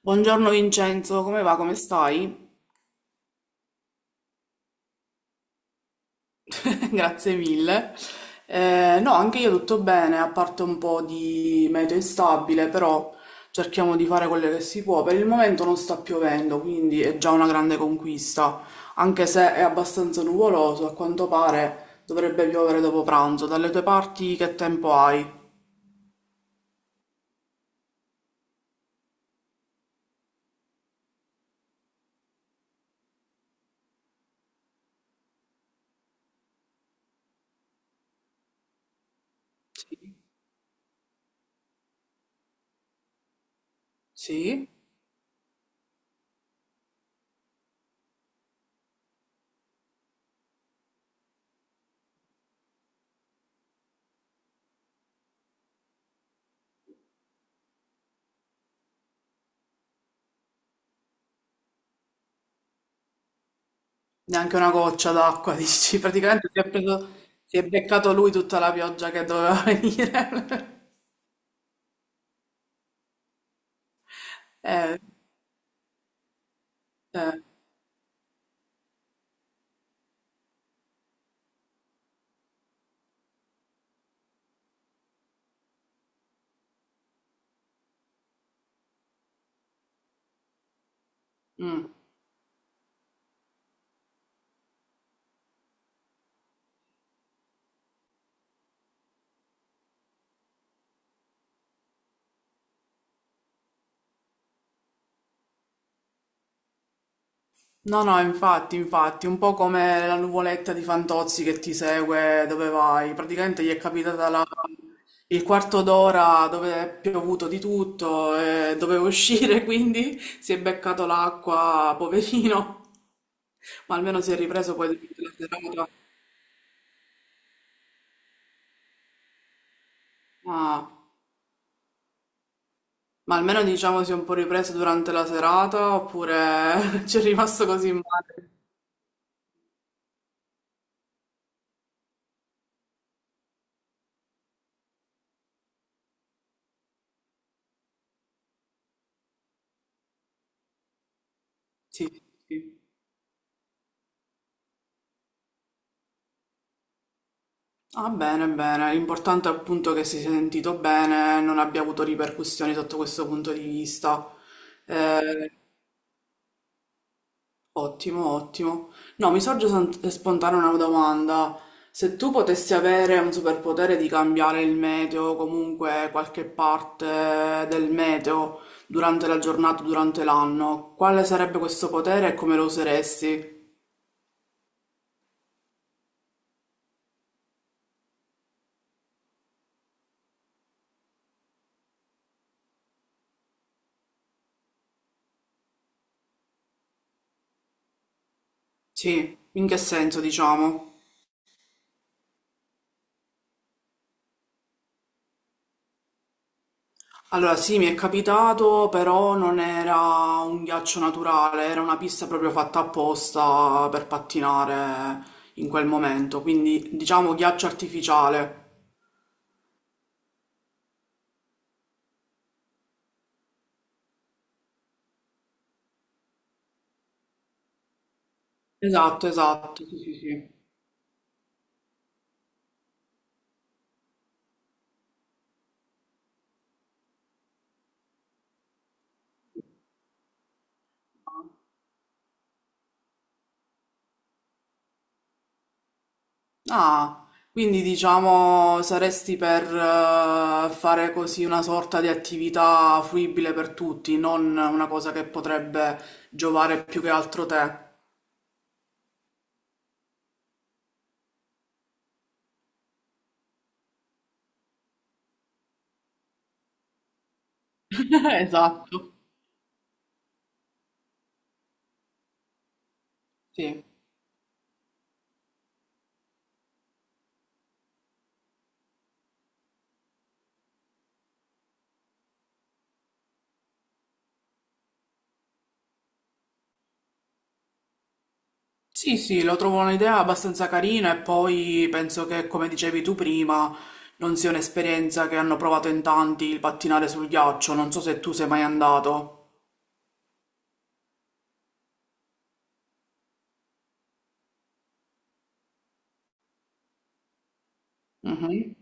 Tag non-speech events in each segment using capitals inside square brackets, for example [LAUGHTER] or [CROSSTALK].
Buongiorno Vincenzo, come va? Come stai? [LAUGHS] Grazie mille. No, anche io tutto bene, a parte un po' di meteo instabile, però cerchiamo di fare quello che si può. Per il momento non sta piovendo, quindi è già una grande conquista, anche se è abbastanza nuvoloso, a quanto pare dovrebbe piovere dopo pranzo. Dalle tue parti che tempo hai? Sì? Neanche una goccia d'acqua, [LAUGHS] dici? Praticamente si è preso, si è beccato lui tutta la pioggia che doveva [LAUGHS] venire. [LAUGHS] Eh, Eh, mm. No, no, infatti, infatti, un po' come la nuvoletta di Fantozzi che ti segue dove vai. Praticamente gli è capitata la- il quarto d'ora dove è piovuto di tutto e doveva uscire, [LAUGHS] quindi si è beccato l'acqua, poverino, ma almeno si è ripreso poi durante la serata. Ah, ma almeno diciamo si è un po' ripreso durante la serata oppure [LAUGHS] ci è rimasto così male. Sì, sì. Ah, bene, bene. L'importante è appunto che si sia sentito bene, non abbia avuto ripercussioni sotto questo punto di vista. Eh, Ottimo, ottimo. No, spontanea una domanda. Se tu potessi avere un superpotere di cambiare il meteo, comunque qualche parte del meteo, durante la giornata, durante l'anno, quale sarebbe questo potere e come lo useresti? Sì, in che senso, diciamo? Allora, sì, mi è capitato, però non era un ghiaccio naturale, era una pista proprio fatta apposta per pattinare in quel momento, quindi diciamo ghiaccio artificiale. Esatto, esatto, sì, sì, sì. Ah, quindi diciamo saresti per fare così una sorta di attività fruibile per tutti, non una cosa che potrebbe giovare più che altro te. [LAUGHS] Esatto, sì. Sì, sì, lo trovo un'idea abbastanza carina e poi penso che, come dicevi tu prima, non sia un'esperienza che hanno provato in tanti il pattinare sul ghiaccio. Non so se tu sei mai andato. Mhm.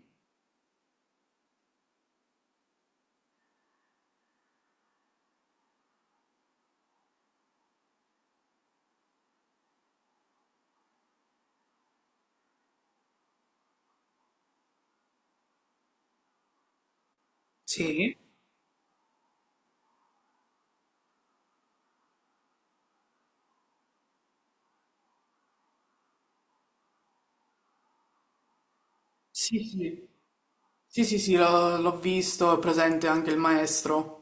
Sì. Sì, sì. Sì, sì, sì, l'ho visto, è presente anche il maestro.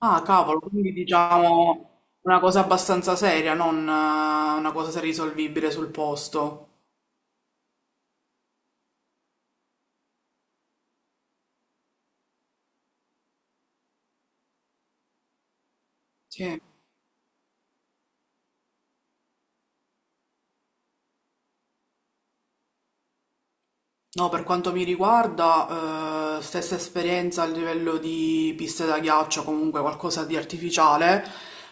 Ah, cavolo, quindi diciamo una cosa abbastanza seria, non una cosa risolvibile sul posto. Sì. No, per quanto mi riguarda, stessa esperienza a livello di piste da ghiaccio, comunque qualcosa di artificiale,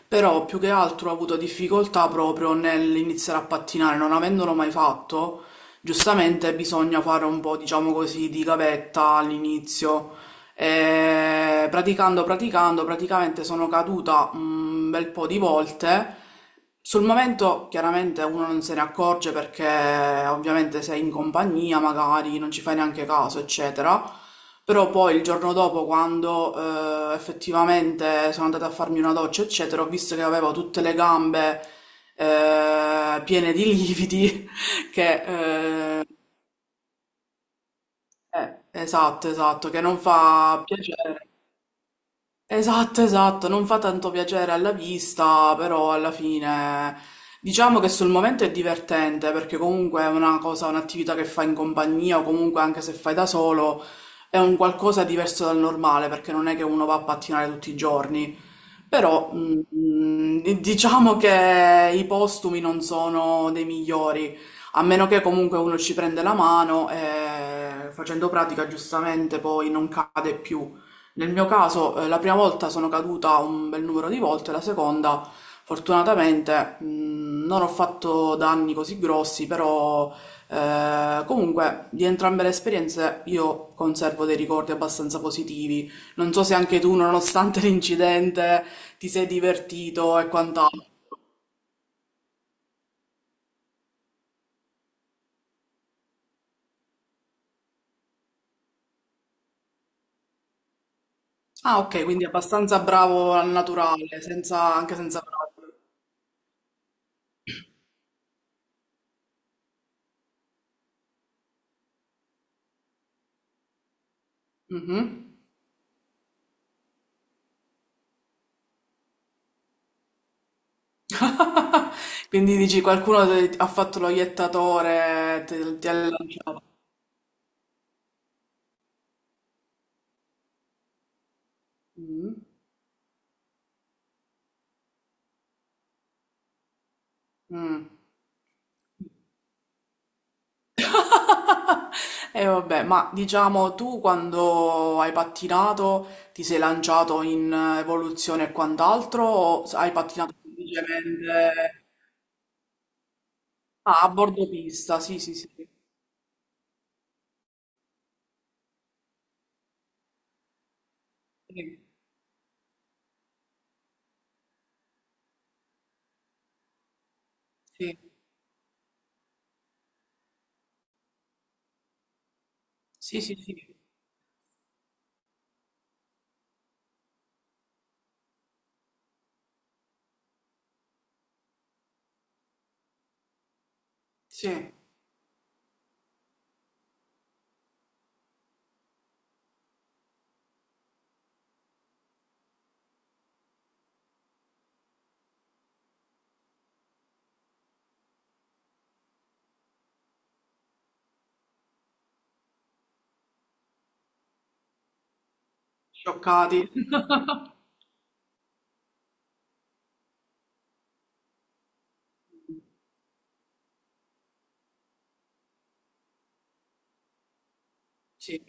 però più che altro ho avuto difficoltà proprio nell'iniziare a pattinare, non avendolo mai fatto, giustamente bisogna fare un po', diciamo così, di gavetta all'inizio, e praticamente sono caduta un bel po' di volte. Sul momento chiaramente uno non se ne accorge perché ovviamente sei in compagnia, magari non ci fai neanche caso, eccetera. Però poi il giorno dopo, quando effettivamente sono andata a farmi una doccia, eccetera, ho visto che avevo tutte le gambe piene di lividi, [LAUGHS] che eh, esatto, esatto, che non fa piacere. Esatto, esatto, non fa tanto piacere alla vista, però alla fine diciamo che sul momento è divertente perché comunque è una cosa, un'attività che fai in compagnia o comunque anche se fai da solo è un qualcosa diverso dal normale perché non è che uno va a pattinare tutti i giorni. Però diciamo che i postumi non sono dei migliori, a meno che comunque uno ci prende la mano e facendo pratica giustamente poi non cade più. Nel mio caso, la prima volta sono caduta un bel numero di volte, la seconda, fortunatamente, non ho fatto danni così grossi, però comunque di entrambe le esperienze io conservo dei ricordi abbastanza positivi. Non so se anche tu, nonostante [LAUGHS] l'incidente, ti sei divertito e quant'altro. Ah, ok, quindi abbastanza bravo al naturale, anche senza bravo. Mhm. [LAUGHS] Quindi dici qualcuno ha fatto lo iettatore, ti ha lanciato. Mm. Mm. [LAUGHS] E vabbè, ma diciamo tu quando hai pattinato ti sei lanciato in evoluzione e quant'altro o hai pattinato semplicemente ah, a bordo pista? Sì, sì, sì. Sì, sì, sì, sì, sì. Sì, scioccati. [LAUGHS] Sì.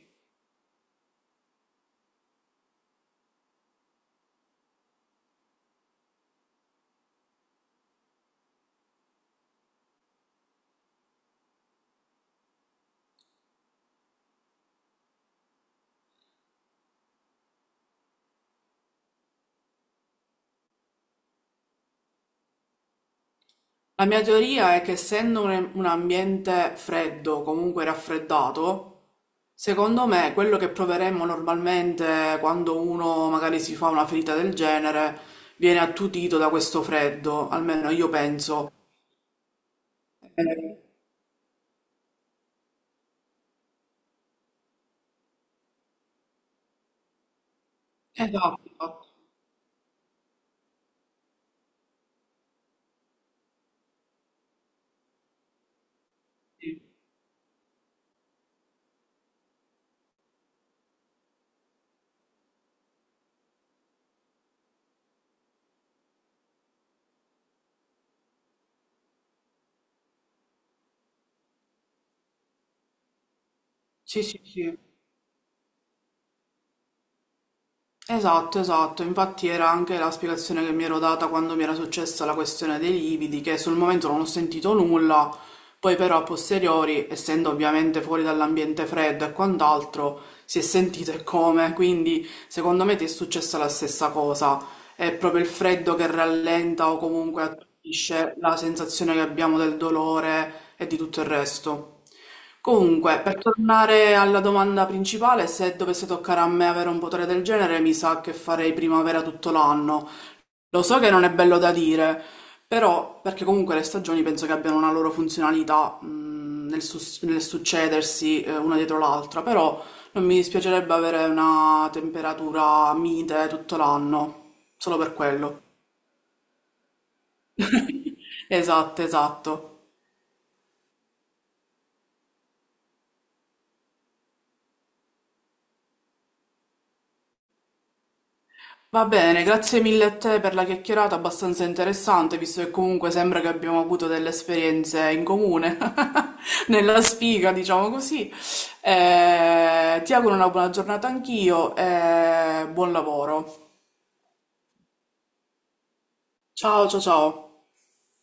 La mia teoria è che essendo un ambiente freddo, comunque raffreddato, secondo me quello che proveremmo normalmente quando uno magari si fa una ferita del genere viene attutito da questo freddo, almeno io penso. Eh, Esatto, esatto, sì, sì, sì. Sì. Esatto, esatto, infatti era anche la spiegazione che mi ero data quando mi era successa la questione dei lividi, che sul momento non ho sentito nulla, poi però a posteriori, essendo ovviamente fuori dall'ambiente freddo e quant'altro, si è sentito e come, quindi secondo me ti è successa la stessa cosa è proprio il freddo che rallenta o comunque attutisce la sensazione che abbiamo del dolore e di tutto il resto. Comunque, per tornare alla domanda principale, se dovesse toccare a me avere un potere del genere, mi sa che farei primavera tutto l'anno, lo so che non è bello da dire, però, perché comunque le stagioni penso che abbiano una loro funzionalità, nel, nel succedersi, una dietro l'altra, però non mi dispiacerebbe avere una temperatura mite tutto l'anno, solo per quello. [LAUGHS] Esatto, esatto. Va bene, grazie mille a te per la chiacchierata abbastanza interessante, visto che comunque sembra che abbiamo avuto delle esperienze in comune, [LAUGHS] nella sfiga, diciamo così. Ti auguro una buona giornata anch'io e buon lavoro. Ciao, ciao, ciao.